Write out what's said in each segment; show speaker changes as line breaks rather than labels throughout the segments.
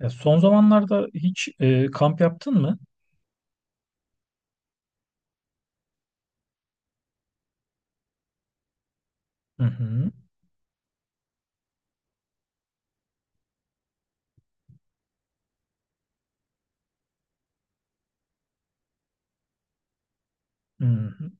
Ya son zamanlarda hiç kamp yaptın mı? Hı hı. Hı hı.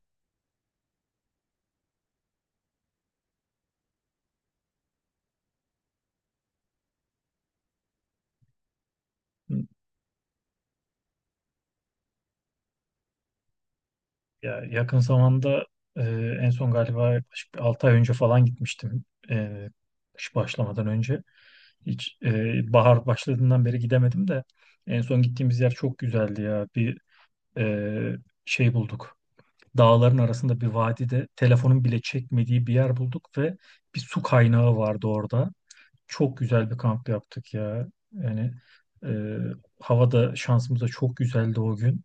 Ya yakın zamanda e, en son galiba yaklaşık 6 ay önce falan gitmiştim. E, Kış başlamadan önce. Hiç bahar başladığından beri gidemedim de en son gittiğimiz yer çok güzeldi ya. Bir e, şey bulduk. Dağların arasında bir vadide telefonun bile çekmediği bir yer bulduk ve bir su kaynağı vardı orada. Çok güzel bir kamp yaptık ya. Yani e, havada şansımız da çok güzeldi o gün.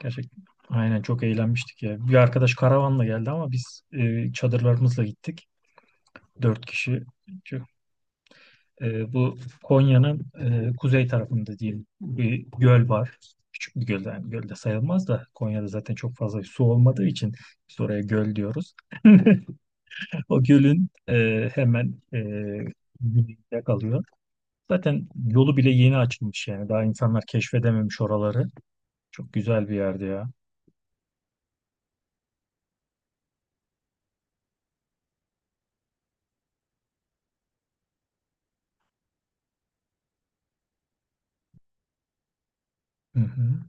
Gerçekten aynen çok eğlenmiştik ya. Bir arkadaş karavanla geldi ama biz çadırlarımızla gittik. Dört kişi. Çok- bu Konya'nın kuzey tarafında diyeyim bir göl var. Küçük bir göl, yani göl de sayılmaz da Konya'da zaten çok fazla su olmadığı için biz oraya göl diyoruz. O gölün hemen güneyinde kalıyor. Zaten yolu bile yeni açılmış yani. Daha insanlar keşfedememiş oraları. Çok güzel bir yerdi ya. Hı hı.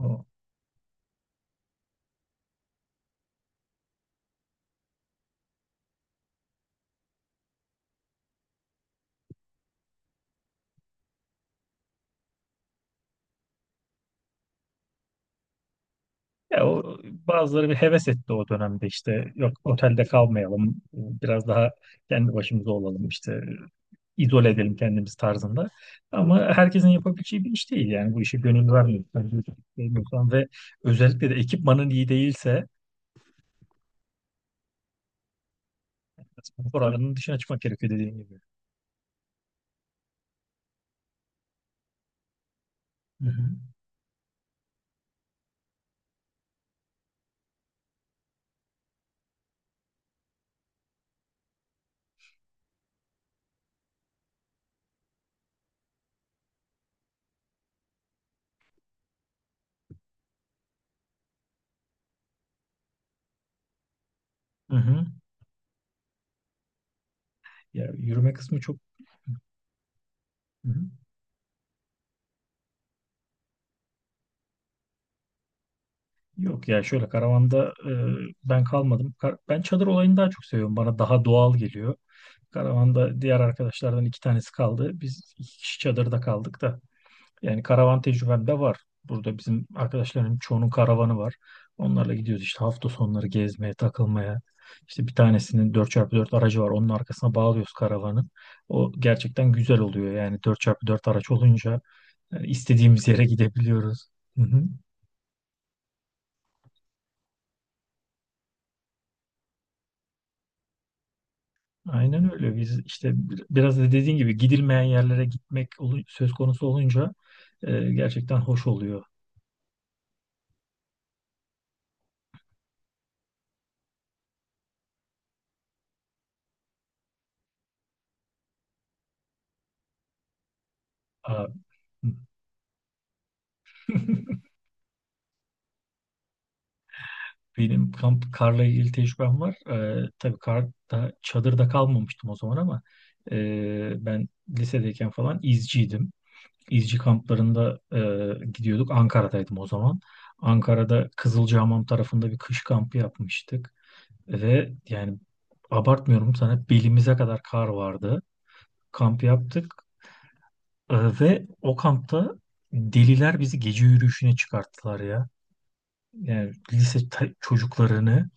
O, ya o, bazıları bir heves etti o dönemde, işte yok otelde kalmayalım, biraz daha kendi başımıza olalım, işte izole edelim kendimiz tarzında. Ama herkesin yapabileceği bir iş değil yani, bu işe gönül vermiyorsan, ve özellikle de ekipmanın iyi değilse spor alanının dışına çıkmak gerekiyor dediğim gibi. Hı hı. Hı hı. Ya yürüme kısmı çok. Hı hı. Yok, ya şöyle karavanda ben kalmadım. Ben çadır olayını daha çok seviyorum. Bana daha doğal geliyor. Karavanda diğer arkadaşlardan iki tanesi kaldı. Biz iki kişi çadırda kaldık da. Yani karavan tecrübem de var. Burada bizim arkadaşların çoğunun karavanı var. Onlarla gidiyoruz işte hafta sonları gezmeye, takılmaya. İşte bir tanesinin dört çarpı dört aracı var. Onun arkasına bağlıyoruz karavanı. O gerçekten güzel oluyor. Yani dört çarpı dört araç olunca istediğimiz yere gidebiliyoruz. Hı hı. Aynen öyle. Biz işte biraz da dediğin gibi gidilmeyen yerlere gitmek söz konusu olunca gerçekten hoş oluyor. Aa, benim kamp karla ilgili tecrübem var. Tabii karda, çadırda kalmamıştım o zaman ama ben lisedeyken falan izciydim. İzci kamplarında gidiyorduk. Ankara'daydım o zaman. Ankara'da Kızılcahamam tarafında bir kış kampı yapmıştık. Ve yani abartmıyorum, sana belimize kadar kar vardı. Kamp yaptık. Ve o kampta deliler bizi gece yürüyüşüne çıkarttılar ya, yani lise çocuklarını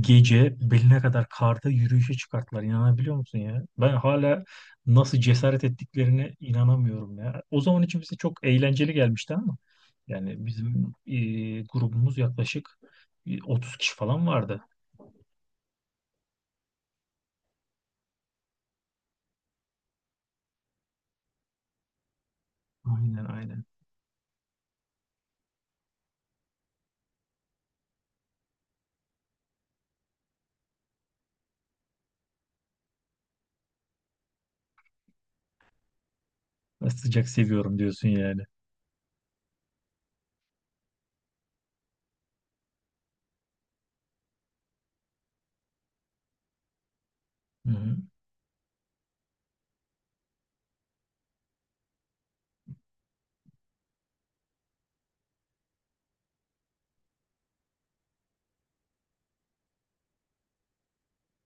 gece beline kadar karda yürüyüşe çıkarttılar. İnanabiliyor musun ya? Ben hala nasıl cesaret ettiklerine inanamıyorum ya. O zaman için bize çok eğlenceli gelmişti ama yani bizim grubumuz yaklaşık 30 kişi falan vardı. Aynen aynen. Ben sıcak seviyorum diyorsun yani. Hı hı.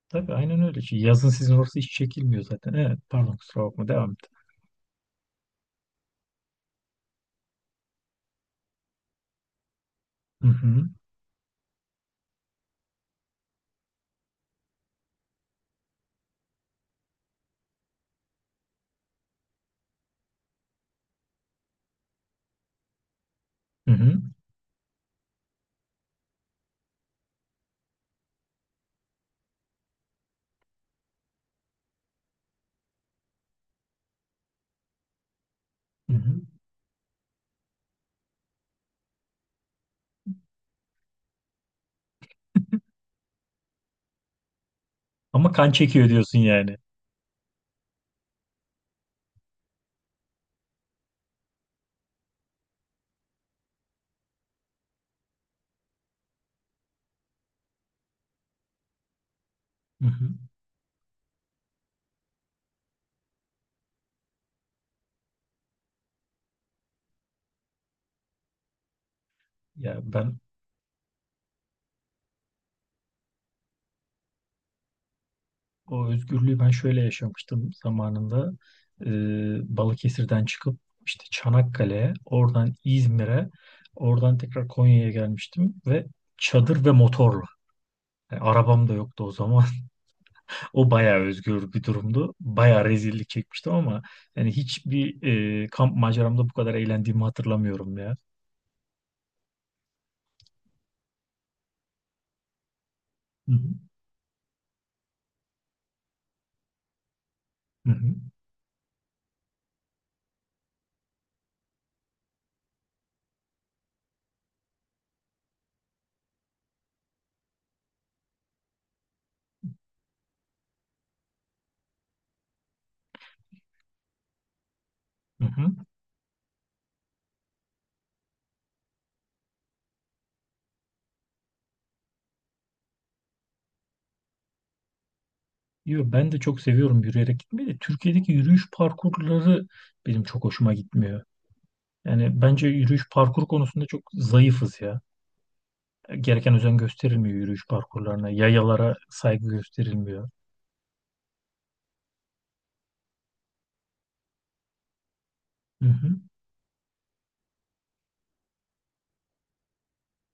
Tabii aynen öyle. Şey, yazın sizin orası hiç çekilmiyor zaten. Evet, pardon kusura bakma devam et. Hı hı. Hı hı. Hı hı. Ama kan çekiyor diyorsun yani. Hı hı. Ya ben o özgürlüğü ben şöyle yaşamıştım zamanında. Balıkesir'den çıkıp işte Çanakkale'ye, oradan İzmir'e, oradan tekrar Konya'ya gelmiştim ve çadır ve motorla. Yani arabam da yoktu o zaman. O bayağı özgür bir durumdu. Bayağı rezillik çekmiştim ama yani hiçbir kamp maceramda bu kadar eğlendiğimi hatırlamıyorum ya. Hı hı. Hı hı. Hı hı. Yo, ben de çok seviyorum yürüyerek gitmeyi de. Türkiye'deki yürüyüş parkurları benim çok hoşuma gitmiyor. Yani bence yürüyüş parkur konusunda çok zayıfız ya. Gereken özen gösterilmiyor yürüyüş parkurlarına. Yayalara saygı gösterilmiyor. Hı hı.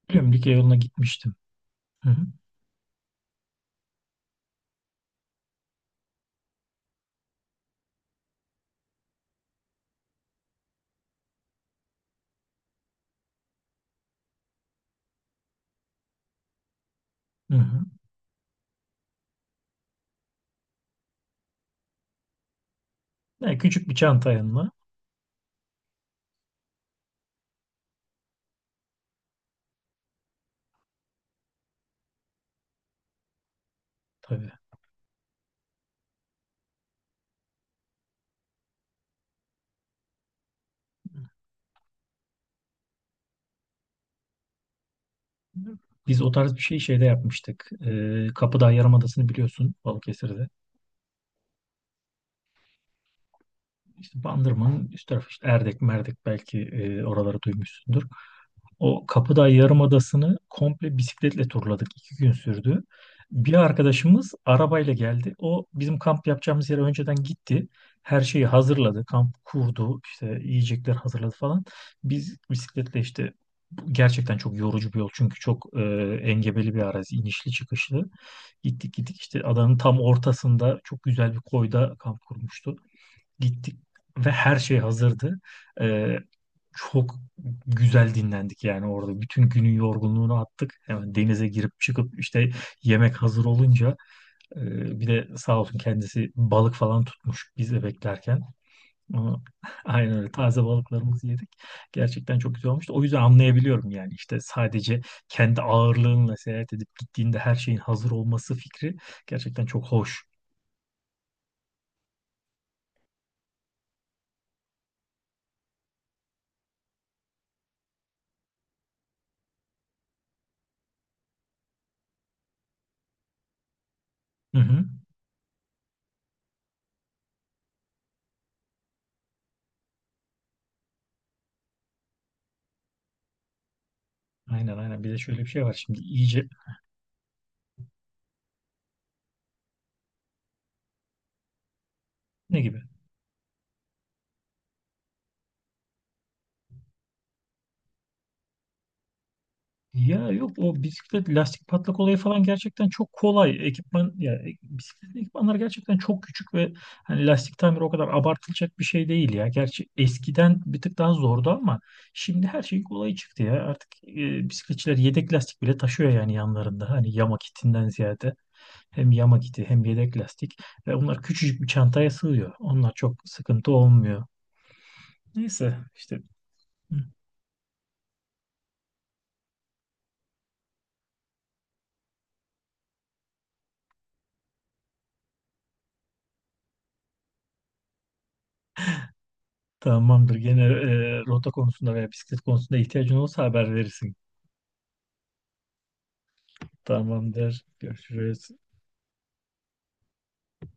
Biliyorum, Likya yoluna gitmiştim. Hı hı. Hı hı. Yani küçük bir çanta yanına tabii. Biz o tarz bir şey şeyde yapmıştık. Kapıdağ Yarımadası'nı biliyorsun, Balıkesir'de. İşte Bandırma'nın üst tarafı, işte Erdek, Merdek belki, oraları duymuşsundur. O Kapıdağ Yarımadası'nı komple bisikletle turladık. 2 gün sürdü. Bir arkadaşımız arabayla geldi. O bizim kamp yapacağımız yere önceden gitti. Her şeyi hazırladı. Kamp kurdu. İşte yiyecekler hazırladı falan. Biz bisikletle işte, bu gerçekten çok yorucu bir yol. Çünkü çok engebeli bir arazi. İnişli çıkışlı. Gittik gittik, işte adanın tam ortasında çok güzel bir koyda kamp kurmuştu. Gittik ve her şey hazırdı. Ee, Çok güzel dinlendik yani orada. Bütün günün yorgunluğunu attık. Hemen denize girip çıkıp, işte yemek hazır olunca bir de sağ olsun kendisi balık falan tutmuş biz de beklerken. Ama aynen öyle taze balıklarımızı yedik. Gerçekten çok güzel olmuştu. O yüzden anlayabiliyorum yani, işte sadece kendi ağırlığınla seyahat edip gittiğinde her şeyin hazır olması fikri gerçekten çok hoş. Hı hı. Aynen aynen. Bir de şöyle bir şey var şimdi iyice. Ne gibi? Ya yok, o bisiklet lastik patlak olayı falan gerçekten çok kolay. Ekipman ya, bisiklet ekipmanları gerçekten çok küçük ve hani lastik tamiri o kadar abartılacak bir şey değil ya. Gerçi eskiden bir tık daha zordu ama şimdi her şey kolay çıktı ya. Artık bisikletçiler yedek lastik bile taşıyor yani yanlarında. Hani yama kitinden ziyade hem yama kiti hem yedek lastik, ve onlar küçücük bir çantaya sığıyor. Onlar çok sıkıntı olmuyor. Neyse işte. Tamamdır. Gene rota konusunda veya bisiklet konusunda ihtiyacın olursa haber verirsin. Tamamdır. Görüşürüz.